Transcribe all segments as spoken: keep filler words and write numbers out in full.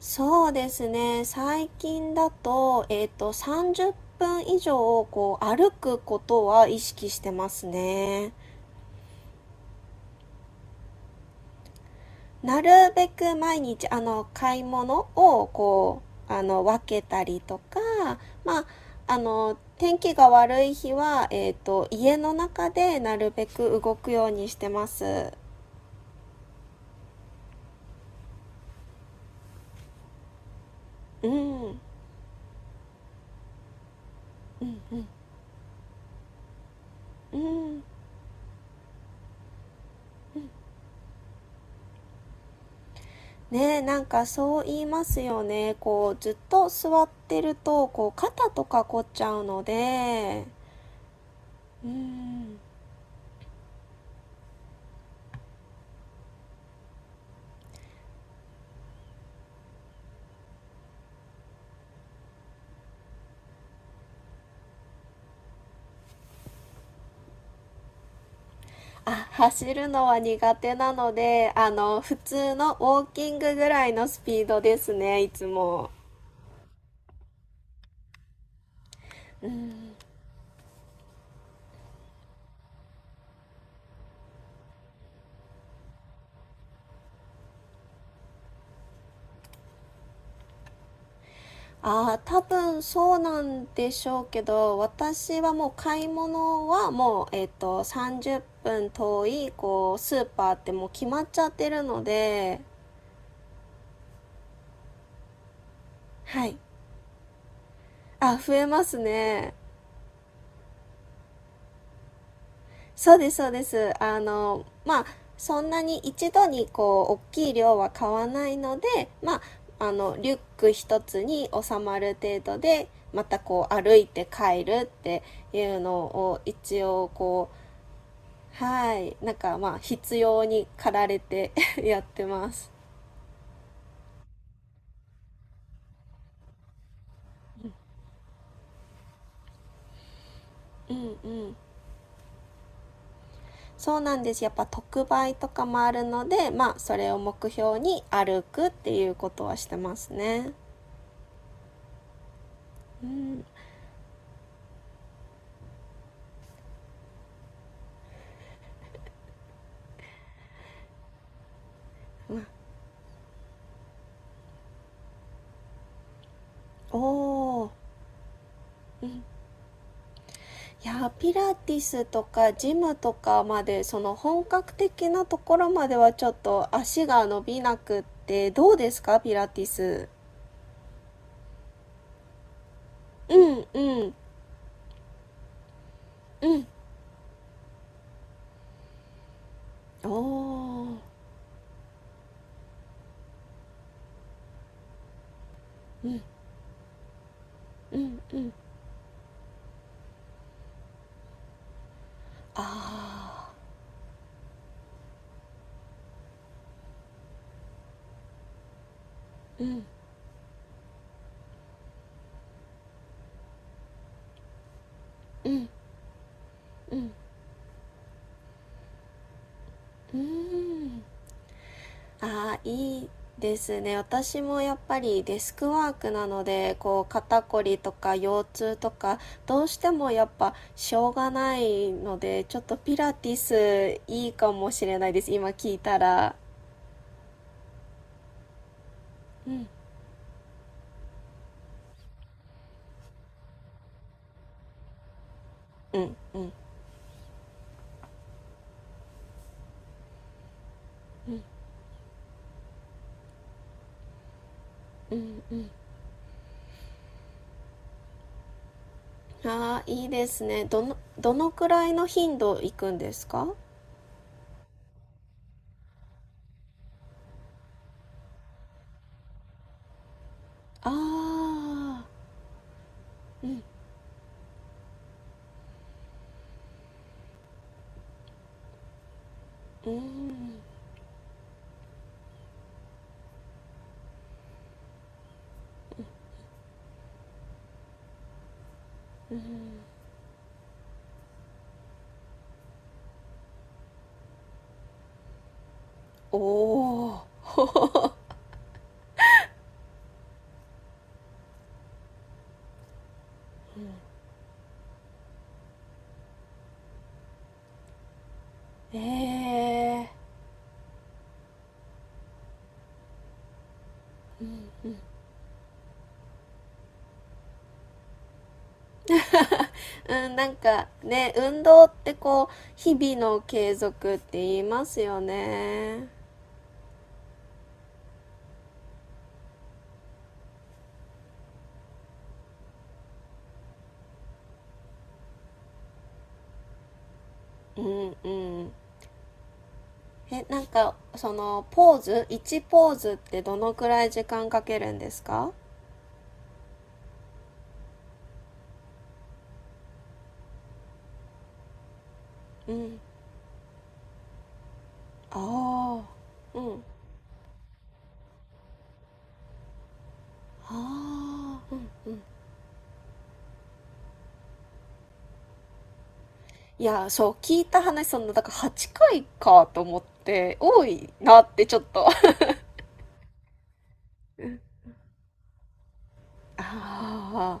そうですね。最近だと、えっと、さんじゅっぷん以上、こう、歩くことは意識してますね。なるべく毎日、あの、買い物を、こう、あの、分けたりとか、まあ、あの、天気が悪い日は、えっと、家の中でなるべく動くようにしてます。うん、うん、うん、うん。ねえ、なんかそう言いますよね。こう、ずっと座ってると、こう、肩とか凝っちゃうので、うん。あ、走るのは苦手なので、あの、普通のウォーキングぐらいのスピードですね、いつも。ああ、多分そうなんでしょうけど、私はもう買い物はもう、えっと、さんじゅっぷん遠い、こう、スーパーってもう決まっちゃってるので、はい。あ、増えますね。そうです、そうです。あの、まあ、そんなに一度にこう、大きい量は買わないので、まあ、あの、リュック一つに収まる程度で、またこう、歩いて帰るっていうのを一応こう、はい、なんかまあ、必要に駆られて やってます。うんうん。そうなんです。やっぱ特売とかもあるので、まあ、それを目標に歩くっていうことはしてますね。うん。まあ、おー。いや、ピラティスとかジムとかまで、その本格的なところまではちょっと足が伸びなくって、どうですか、ピラティス。うんうんうん。おー。うんうんうん。あー。うんうんうん。うん。ああ、いいですね。私もやっぱりデスクワークなので、こう肩こりとか腰痛とか、どうしてもやっぱしょうがないので、ちょっとピラティスいいかもしれないです。今聞いたら。うんうん。ああ、いいですね。どの、どのくらいの頻度行くんですか？ああー、うん。おお。ええー。うん、なんかね、運動ってこう、日々の継続って言いますよね。うんうん。え、なんか、その、ポーズ、ワンポーズってどのくらい時間かけるんですか？うん。ああ、うん。ああ、うんうん。いや、そう、聞いた話、その、だからはっかいかいかと思って、多いなってちょっと。ああ、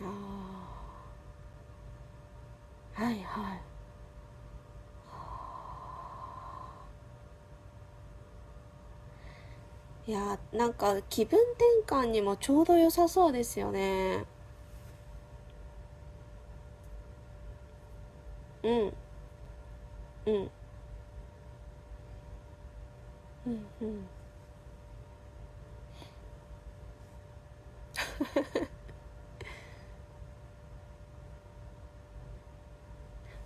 ああ、はいはい。いやーなんか気分転換にもちょうど良さそうですよね。うんうんうんうん。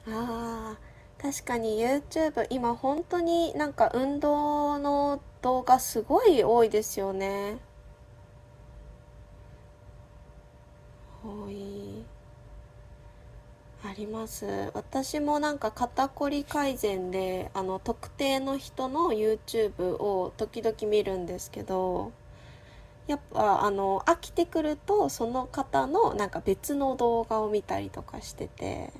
あー、確かに YouTube 今本当になんか運動の動画すごい多いですよね。多いあります。私もなんか肩こり改善であの特定の人の YouTube を時々見るんですけど、やっぱあの飽きてくるとその方のなんか別の動画を見たりとかしてて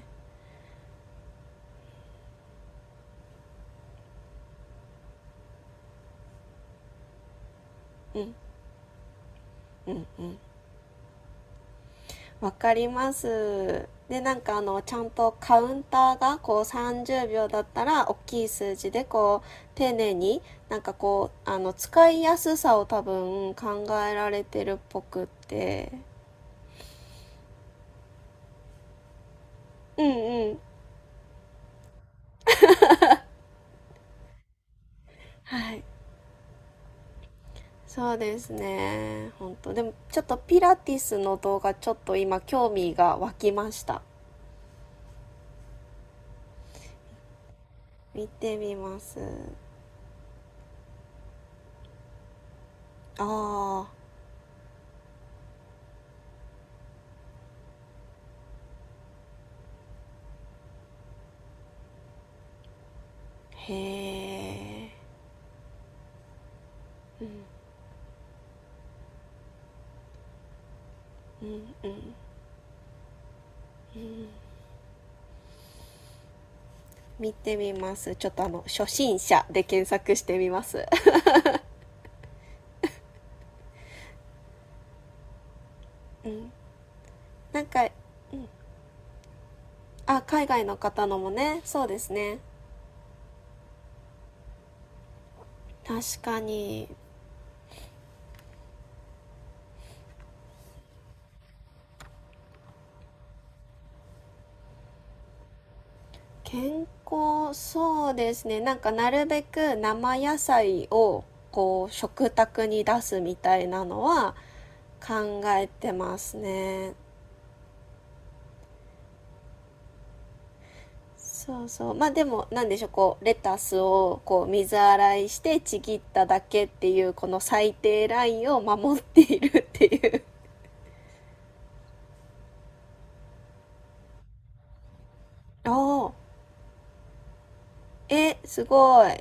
「わかります」でなんかあのちゃんとカウンターがこうさんじゅうびょうだったら大きい数字でこう丁寧になんかこうあの使いやすさを多分考えられてるっぽくって、うんうん、はい、そうですね。本当でもちょっとピラティスの動画ちょっと今興味が湧きました。見てみます。ああ、へえ、うんうん。見てみますちょっとあの初心者で検索してみます うん、なんか、あ海外の方のもね、そうですね。確かに健康そうですね。なんかなるべく生野菜をこう食卓に出すみたいなのは考えてますね。そうそう、まあでもなんでしょう、こうレタスをこう水洗いしてちぎっただけっていうこの最低ラインを守っているっていう おー、えすごい、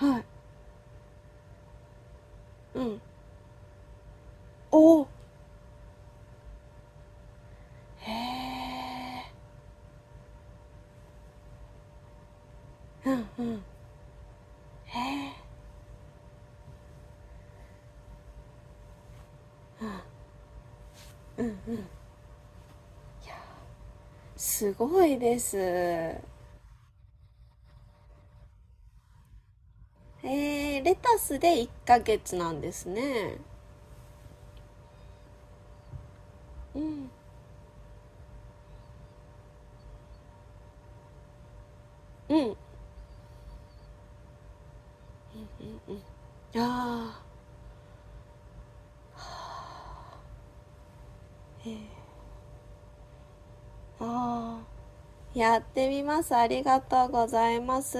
はい、うん、おー、すごいです。えー、レタスでいっかげつなんですね。うんうん、あー、あー、やってみます。ありがとうございます。